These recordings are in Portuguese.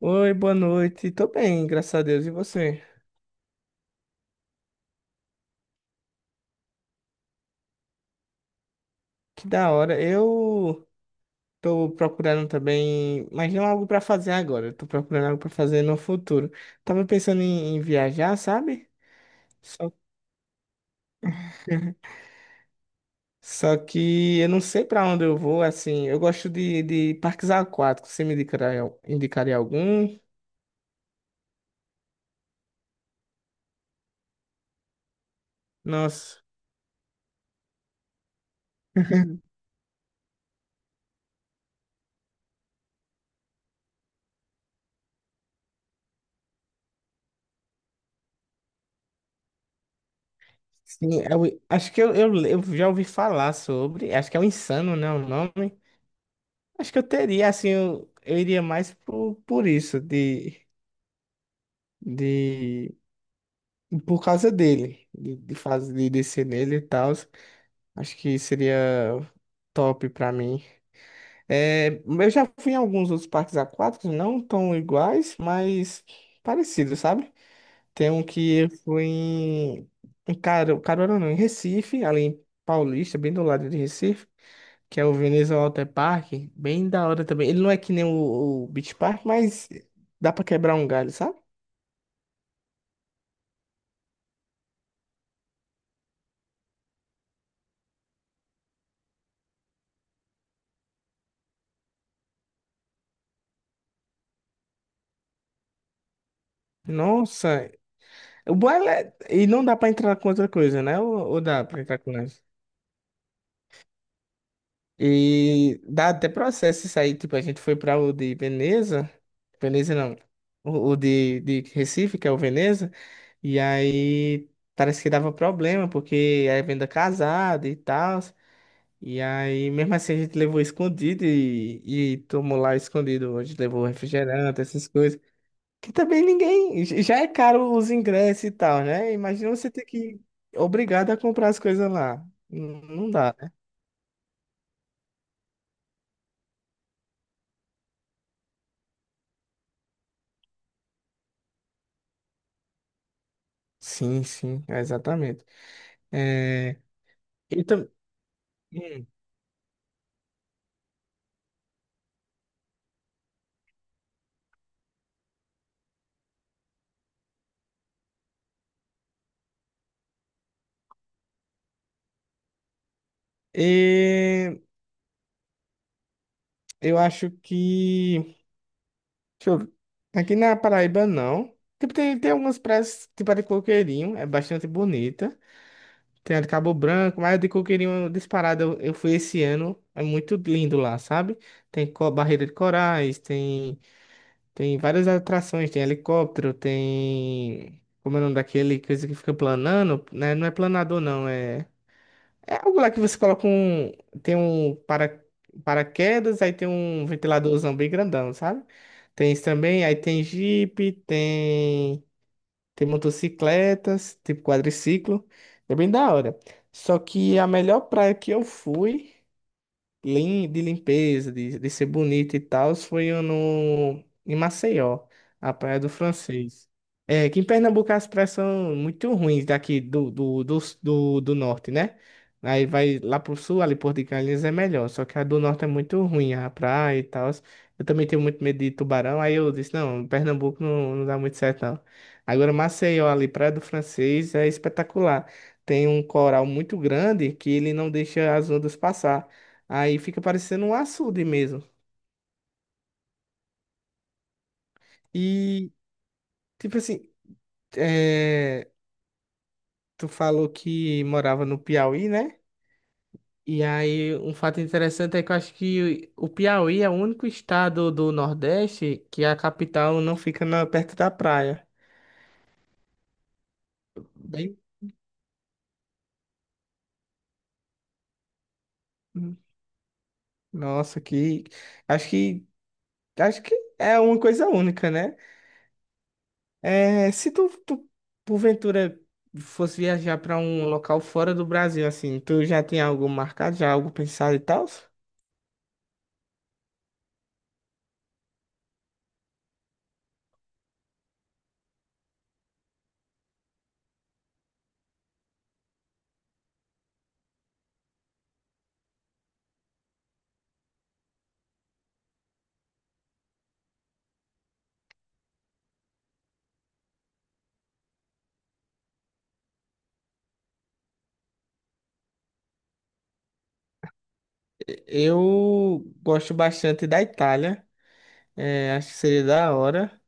Oi, boa noite. Tô bem, graças a Deus. E você? Que da hora. Eu tô procurando também, mas não algo pra fazer agora. Eu tô procurando algo pra fazer no futuro. Tava pensando em viajar, sabe? Só que, só que eu não sei pra onde eu vou, assim. Eu gosto de parques aquáticos. Você me indicaria, indicaria algum? Nossa. Sim, eu, acho que eu já ouvi falar sobre. Acho que é o Insano, né? O nome. Acho que eu teria, assim, eu iria mais por isso, de, por causa dele, de fazer, de descer nele e tal. Acho que seria top pra mim. É, eu já fui em alguns outros parques aquáticos, não tão iguais, mas parecidos, sabe? Tem um que eu fui em Caruaru, não, em Recife, ali em Paulista, bem do lado de Recife, que é o Veneza Water Park, bem da hora também. Ele não é que nem o Beach Park, mas dá pra quebrar um galho, sabe? Nossa, o bom é... E não dá pra entrar com outra coisa, né? Ou dá pra entrar com ela? E dá até processo isso aí. Tipo, a gente foi pra o de Veneza. Veneza não. O de Recife, que é o Veneza. E aí parece que dava problema, porque é venda casada e tal. E aí, mesmo assim, a gente levou escondido e tomou lá escondido. A gente levou refrigerante, essas coisas. Que também ninguém. Já é caro os ingressos e tal, né? Imagina você ter que. Obrigado a comprar as coisas lá. Não dá, né? Sim, sim, exatamente. É, e tam- hum, e eu acho que. Deixa eu ver. Aqui na Paraíba, não. Tipo, tem algumas praias, tipo a de Coqueirinho, é bastante bonita. Tem a de Cabo Branco, mas a de Coqueirinho disparada, eu fui esse ano, é muito lindo lá, sabe? Tem barreira de corais, tem, tem várias atrações, tem helicóptero, tem. Como é o nome daquele coisa que fica planando, né? Não é planador, não, é. É algo lá que você coloca um. Tem um paraquedas, aí tem um ventiladorzão bem grandão, sabe? Tem isso também, aí tem Jeep, tem. Tem motocicletas, tipo quadriciclo. É bem da hora. Só que a melhor praia que eu fui, de limpeza, de ser bonita e tal, foi no, em Maceió, a Praia do Francês. É, que em Pernambuco as praias são muito ruins daqui do norte, né? Aí vai lá pro sul, ali Porto de Galinhas é melhor, só que a do norte é muito ruim, a praia e tal. Eu também tenho muito medo de tubarão, aí eu disse, não, Pernambuco não, não dá muito certo, não. Agora Maceió ali, Praia do Francês, é espetacular. Tem um coral muito grande que ele não deixa as ondas passar. Aí fica parecendo um açude mesmo. E, tipo assim, é, tu falou que morava no Piauí, né? E aí, um fato interessante é que eu acho que o Piauí é o único estado do Nordeste que a capital não fica perto da praia. Bem, nossa, que. Acho que. Acho que é uma coisa única, né? É, se tu porventura fosse viajar para um local fora do Brasil, assim, tu já tem algo marcado, já algo pensado e tal? Eu gosto bastante da Itália. É, acho que seria da hora,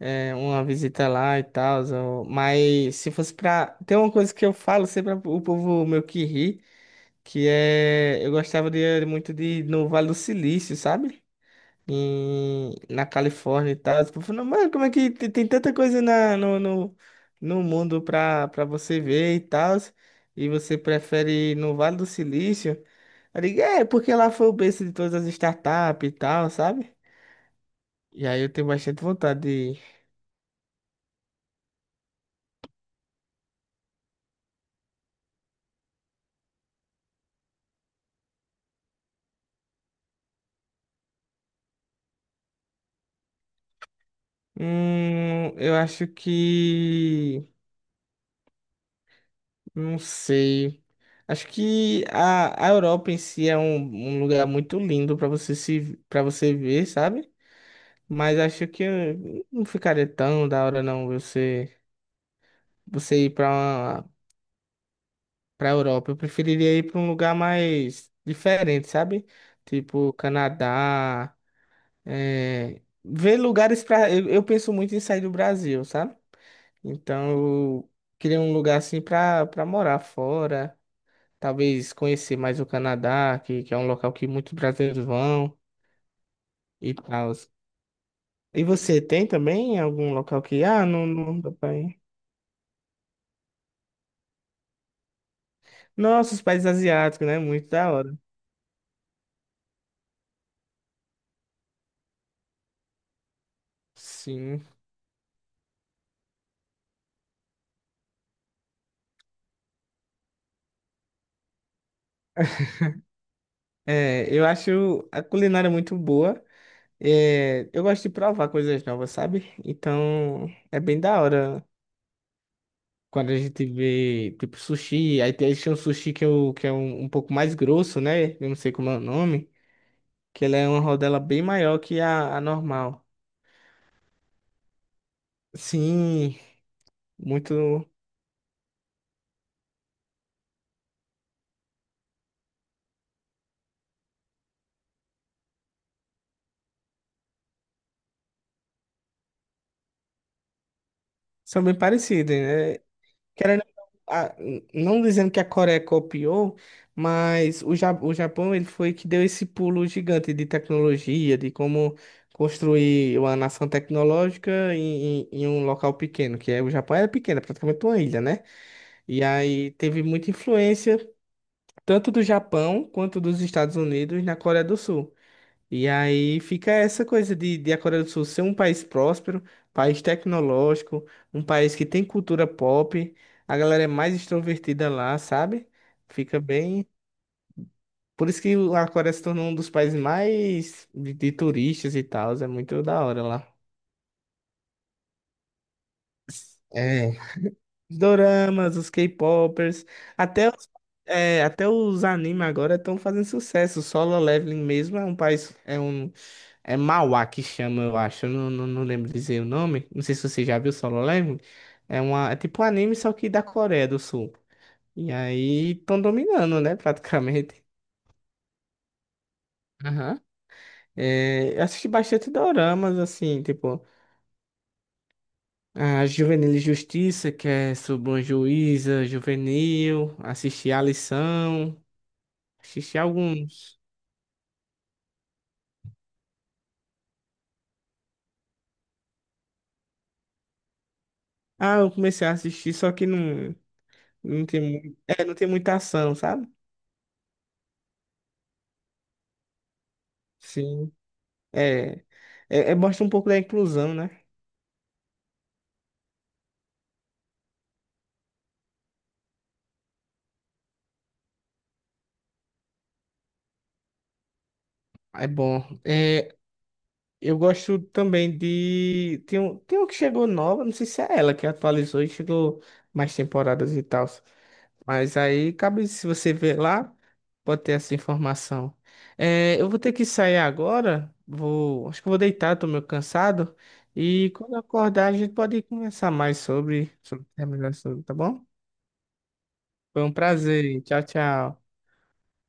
é, uma visita lá e tal. Mas se fosse pra. Tem uma coisa que eu falo sempre o povo meio que ri, que é. Eu gostaria muito de ir no Vale do Silício, sabe? Em, na Califórnia e tal. Tipo, eu falei, mano, como é que tem tanta coisa na, no, no, no mundo pra você ver e tal, e você prefere ir no Vale do Silício? Eu digo, é, porque lá foi o berço de todas as startups e tal, sabe? E aí eu tenho bastante vontade de ir. Eu acho que. Não sei. Acho que a Europa em si é um, um lugar muito lindo pra você se para você ver, sabe? Mas acho que não ficaria tão da hora não você ir para uma para Europa. Eu preferiria ir para um lugar mais diferente, sabe? Tipo Canadá, é, ver lugares para eu penso muito em sair do Brasil, sabe? Então eu queria um lugar assim para morar fora, talvez conhecer mais o Canadá, que é um local que muitos brasileiros vão e tal. E você tem também algum local que ah, não dá pra ir? Nossa, os países asiáticos, né? Muito da hora. Sim. É, eu acho a culinária muito boa. É, eu gosto de provar coisas novas, sabe? Então, é bem da hora quando a gente vê, tipo, sushi. Aí tem um sushi que, eu, que é um, um pouco mais grosso, né? Eu não sei como é o nome. Que ele é uma rodela bem maior que a normal. Sim, muito... São bem parecidas, né? Querendo, a- não dizendo que a Coreia copiou, mas o, o Japão ele foi que deu esse pulo gigante de tecnologia, de como construir uma nação tecnológica em um local pequeno, que é o Japão era pequeno, é praticamente uma ilha, né? E aí teve muita influência tanto do Japão quanto dos Estados Unidos na Coreia do Sul. E aí fica essa coisa de a Coreia do Sul ser um país próspero, país tecnológico, um país que tem cultura pop, a galera é mais extrovertida lá, sabe? Fica bem. Por isso que a Coreia se tornou um dos países mais de turistas e tal, é muito da hora lá. É, os doramas, os K-popers, até os, é, até os animes agora estão fazendo sucesso. O Solo Leveling mesmo é um país, é um, é Mauá que chama, eu acho. Eu não lembro dizer o nome. Não sei se você já viu Solo Leveling. É uma, é tipo um anime, só que da Coreia do Sul. E aí estão dominando, né? Praticamente. Aham. É, eu assisti bastante doramas, assim, tipo, a Juvenil Justiça, que é sobre uma juíza juvenil, assisti A Lição, assisti alguns. Ah, eu comecei a assistir, só que não, não tem, é, não tem muita ação, sabe? Sim. É, é, é mostra um pouco da inclusão, né? É bom. É, eu gosto também de. Tem um que chegou nova, não sei se é ela que atualizou e chegou mais temporadas e tal. Mas aí cabe, se você ver lá, pode ter essa informação. É, eu vou ter que sair agora. Vou, acho que eu vou deitar, tô meio cansado. E quando eu acordar, a gente pode conversar mais sobre, sobre terminar sobre, tá bom? Foi um prazer. Tchau, tchau.